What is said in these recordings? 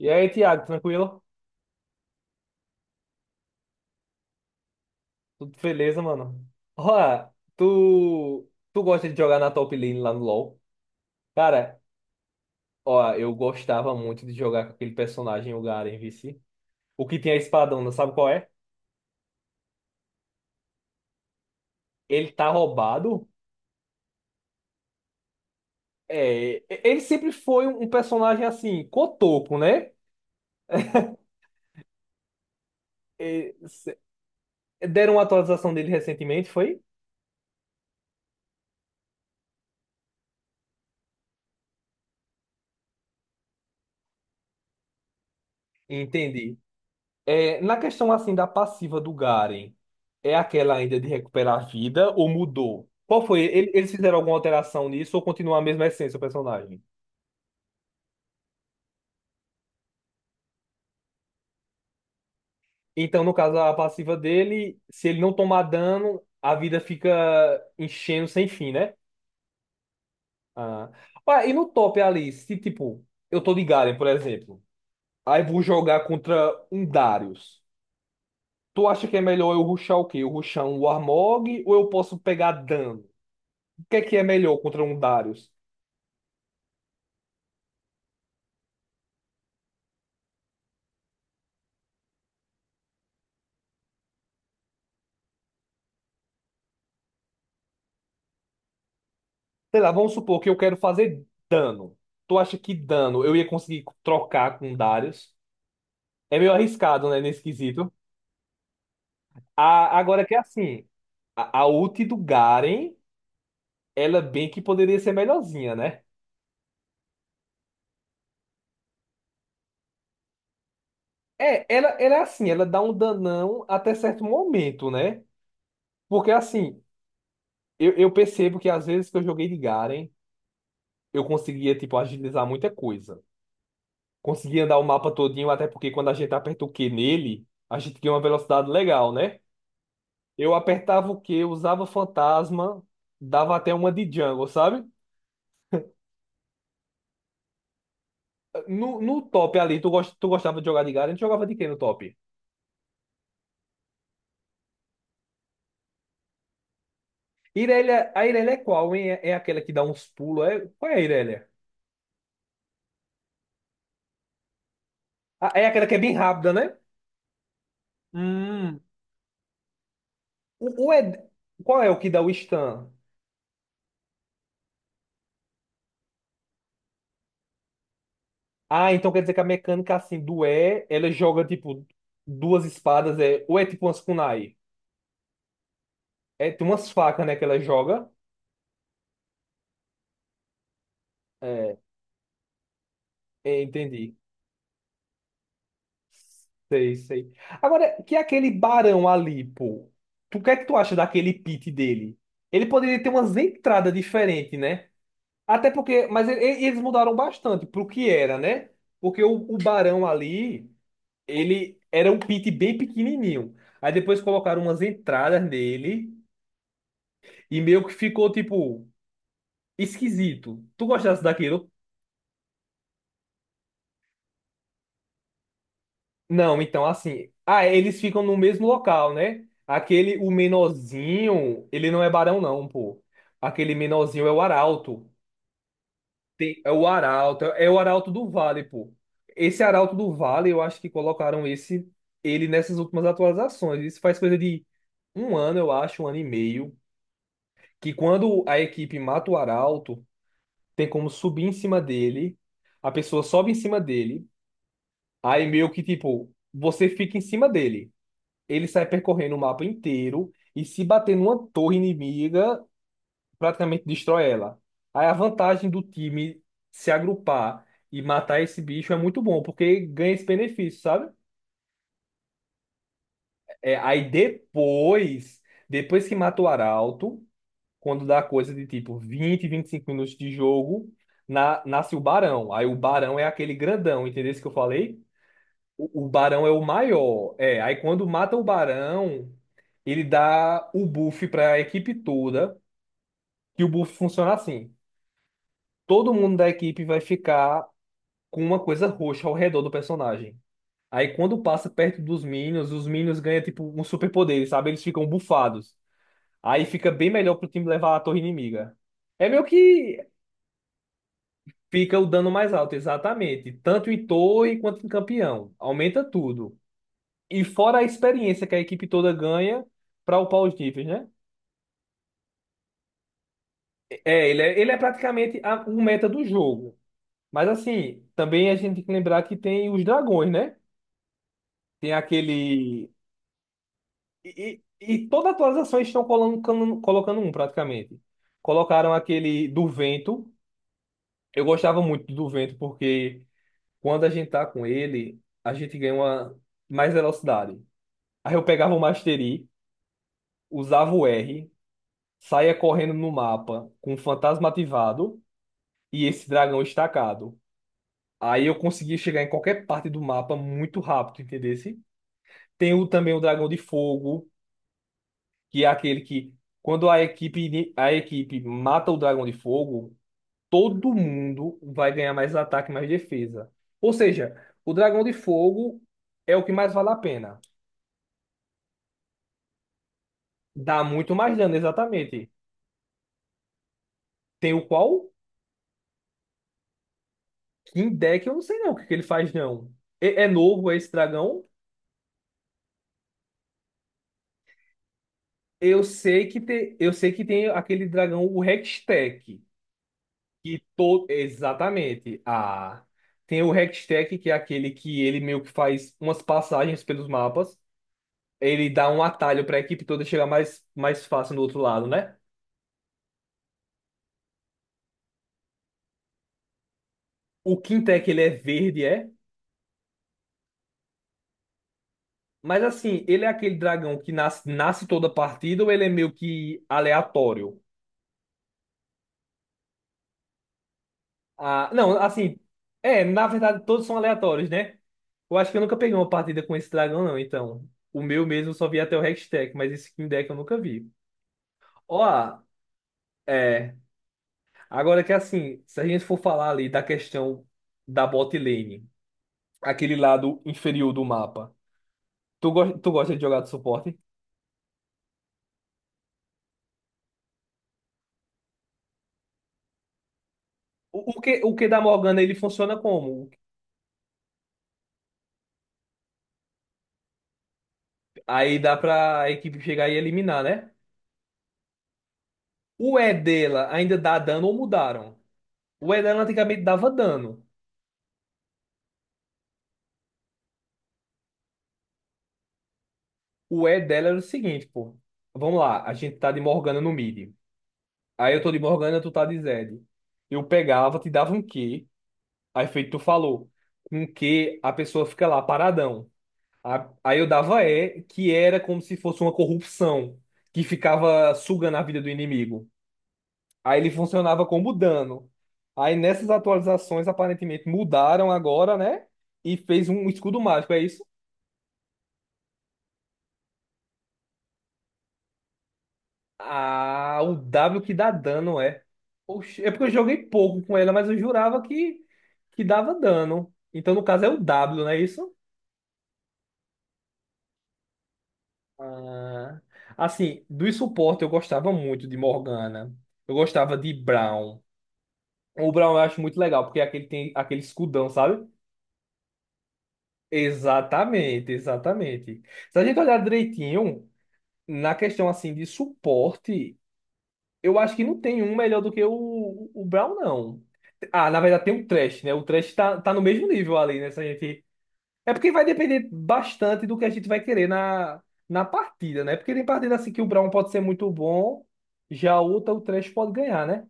E aí, Thiago, tranquilo? Tudo beleza, mano? Ó, tu gosta de jogar na top lane lá no LoL? Cara, ó, eu gostava muito de jogar com aquele personagem, o Garen, vice. O que tem a espadona, sabe qual é? Ele tá roubado. É, ele sempre foi um personagem assim, cotoco, né? É, deram uma atualização dele recentemente, foi? Entendi. É, na questão assim da passiva do Garen, é aquela ainda de recuperar a vida ou mudou? Qual foi? Eles fizeram alguma alteração nisso ou continua a mesma essência o personagem? Então, no caso, a passiva dele, se ele não tomar dano, a vida fica enchendo sem fim, né? Ah. Ué, e no top ali, se tipo, eu tô de Garen, por exemplo, aí vou jogar contra um Darius. Tu acha que é melhor eu rushar o quê? Eu rushar um Warmog ou eu posso pegar dano? O que é melhor contra um Darius? Sei lá, vamos supor que eu quero fazer dano. Tu acha que dano eu ia conseguir trocar com Darius? É meio arriscado, né, nesse quesito. Agora que é assim, a ult do Garen, ela bem que poderia ser melhorzinha, né? É, ela é assim, ela dá um danão até certo momento, né? Porque assim, eu percebo que às vezes que eu joguei de Garen, eu conseguia, tipo, agilizar muita coisa. Conseguia andar o mapa todinho, até porque quando a gente aperta o Q nele, a gente ganha uma velocidade legal, né? Eu apertava o Q, usava fantasma, dava até uma de jungle, sabe? No top ali, tu gostava de jogar de Garen? Tu jogava de quem no top? Irelia, a Irelia é qual, hein? É aquela que dá uns pulos? É, qual é a Irelia? Ah, é aquela que é bem rápida, né? Hum. O, o Ed- qual é o que dá o stun? Ah, então quer dizer que a mecânica assim do E, ela joga tipo duas espadas, é, ou é tipo umas kunai? É tipo umas facas, né, que ela joga? É, entendi. Sei, sei. Agora, que é aquele barão ali, pô? O que é que tu acha daquele pit dele? Ele poderia ter umas entradas diferentes, né? Até porque. Mas eles mudaram bastante pro que era, né? Porque o barão ali, ele era um pit bem pequenininho. Aí depois colocaram umas entradas nele e meio que ficou, tipo, esquisito. Tu gostasse daquilo? Não, então assim. Ah, é, eles ficam no mesmo local, né? Aquele, o menorzinho, ele não é barão, não, pô. Aquele menorzinho é o arauto. É o arauto, é o arauto do vale, pô. Esse arauto do vale, eu acho que colocaram esse, ele nessas últimas atualizações. Isso faz coisa de 1 ano, eu acho, 1 ano e meio. Que quando a equipe mata o arauto, tem como subir em cima dele. A pessoa sobe em cima dele. Aí meio que, tipo, você fica em cima dele. Ele sai percorrendo o mapa inteiro e se bater numa torre inimiga, praticamente destrói ela. Aí a vantagem do time se agrupar e matar esse bicho é muito bom, porque ganha esse benefício, sabe? É, aí depois que mata o Arauto, quando dá coisa de tipo 20, 25 minutos de jogo, nasce o Barão. Aí o Barão é aquele grandão, entendeu isso que eu falei? O barão é o maior. É, aí quando mata o barão, ele dá o buff para a equipe toda. E o buff funciona assim: todo mundo da equipe vai ficar com uma coisa roxa ao redor do personagem. Aí quando passa perto dos minions, os minions ganham tipo um superpoder, sabe? Eles ficam bufados. Aí fica bem melhor pro time levar a torre inimiga. É meio que fica o dano mais alto, exatamente. Tanto em torre quanto em campeão. Aumenta tudo. E fora a experiência que a equipe toda ganha para upar os níveis, né? É, ele é, ele é praticamente um meta do jogo. Mas assim, também a gente tem que lembrar que tem os dragões, né? Tem aquele. E toda atualização eles estão colocando um, praticamente. Colocaram aquele do vento. Eu gostava muito do vento, porque quando a gente tá com ele, a gente ganha uma mais velocidade. Aí eu pegava o Mastery, usava o R, saia correndo no mapa com um fantasma ativado e esse dragão estacado. Aí eu conseguia chegar em qualquer parte do mapa muito rápido, entendesse? Tem também o dragão de fogo, que é aquele que quando a equipe, a equipe mata o dragão de fogo, todo mundo vai ganhar mais ataque, mais defesa. Ou seja, o dragão de fogo é o que mais vale a pena. Dá muito mais dano, exatamente. Tem o qual? King Deck, eu não sei não o que que ele faz não. É novo é esse dragão? Eu sei que tem aquele dragão, o Hextech, que todo, exatamente. Ah, tem o Hextech, que é aquele que ele meio que faz umas passagens pelos mapas. Ele dá um atalho para a equipe toda chegar mais fácil no outro lado, né? O quintec ele é verde, é? Mas assim, ele é aquele dragão que nasce toda partida ou ele é meio que aleatório? Ah, não, assim, é, na verdade todos são aleatórios, né? Eu acho que eu nunca peguei uma partida com esse dragão, não, então. O meu mesmo eu só vi até o Hextech, mas esse King Deck eu nunca vi. Ó, é. Agora que assim, se a gente for falar ali da questão da bot lane, aquele lado inferior do mapa, tu gosta de jogar de suporte? O que da Morgana ele funciona como? Aí dá pra equipe chegar e eliminar, né? O E dela ainda dá dano ou mudaram? O E dela antigamente dava dano. O E dela era o seguinte, pô. Vamos lá, a gente tá de Morgana no mid. Aí eu tô de Morgana, tu tá de Zed. Eu pegava, te dava um Q. Aí feito tu falou. Com Q, a pessoa fica lá paradão. Aí eu dava E, que era como se fosse uma corrupção, que ficava sugando a vida do inimigo. Aí ele funcionava como dano. Aí nessas atualizações, aparentemente mudaram agora, né? E fez um escudo mágico, é isso? Ah, o W que dá dano é. Oxe, é porque eu joguei pouco com ela, mas eu jurava que, dava dano. Então, no caso, é o W, não é isso? Ah, assim, do suporte eu gostava muito de Morgana. Eu gostava de Brown. O Brown eu acho muito legal, porque é aquele tem aquele escudão, sabe? Exatamente, exatamente. Se a gente olhar direitinho, na questão assim de suporte. Eu acho que não tem um melhor do que o Brown, não. Ah, na verdade tem o Trash, né? O Trash tá no mesmo nível ali, né? Se a gente... É porque vai depender bastante do que a gente vai querer na, partida, né? Porque tem partida assim que o Brown pode ser muito bom, já outra o Trash pode ganhar, né?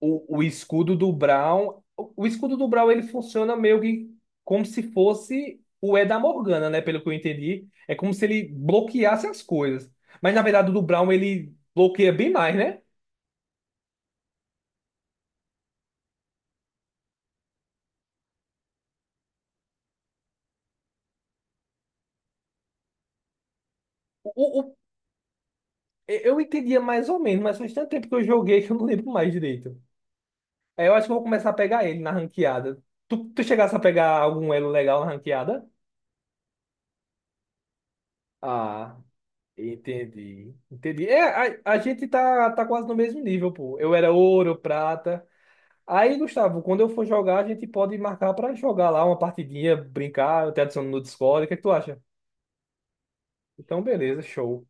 O escudo do Brown, ele funciona meio que como se fosse o E da Morgana, né? Pelo que eu entendi. É como se ele bloqueasse as coisas. Mas, na verdade, o do Brown, ele bloqueia bem mais, né? O, Eu entendia mais ou menos, mas faz tanto tempo que eu joguei que eu não lembro mais direito. Aí eu acho que eu vou começar a pegar ele na ranqueada. Tu chegasse a pegar algum elo legal na ranqueada? Ah, entendi. Entendi. É, a gente tá quase no mesmo nível, pô. Eu era ouro, prata. Aí, Gustavo, quando eu for jogar, a gente pode marcar pra jogar lá uma partidinha, brincar, eu te adiciono no Discord. O que é que tu acha? Então, beleza, show.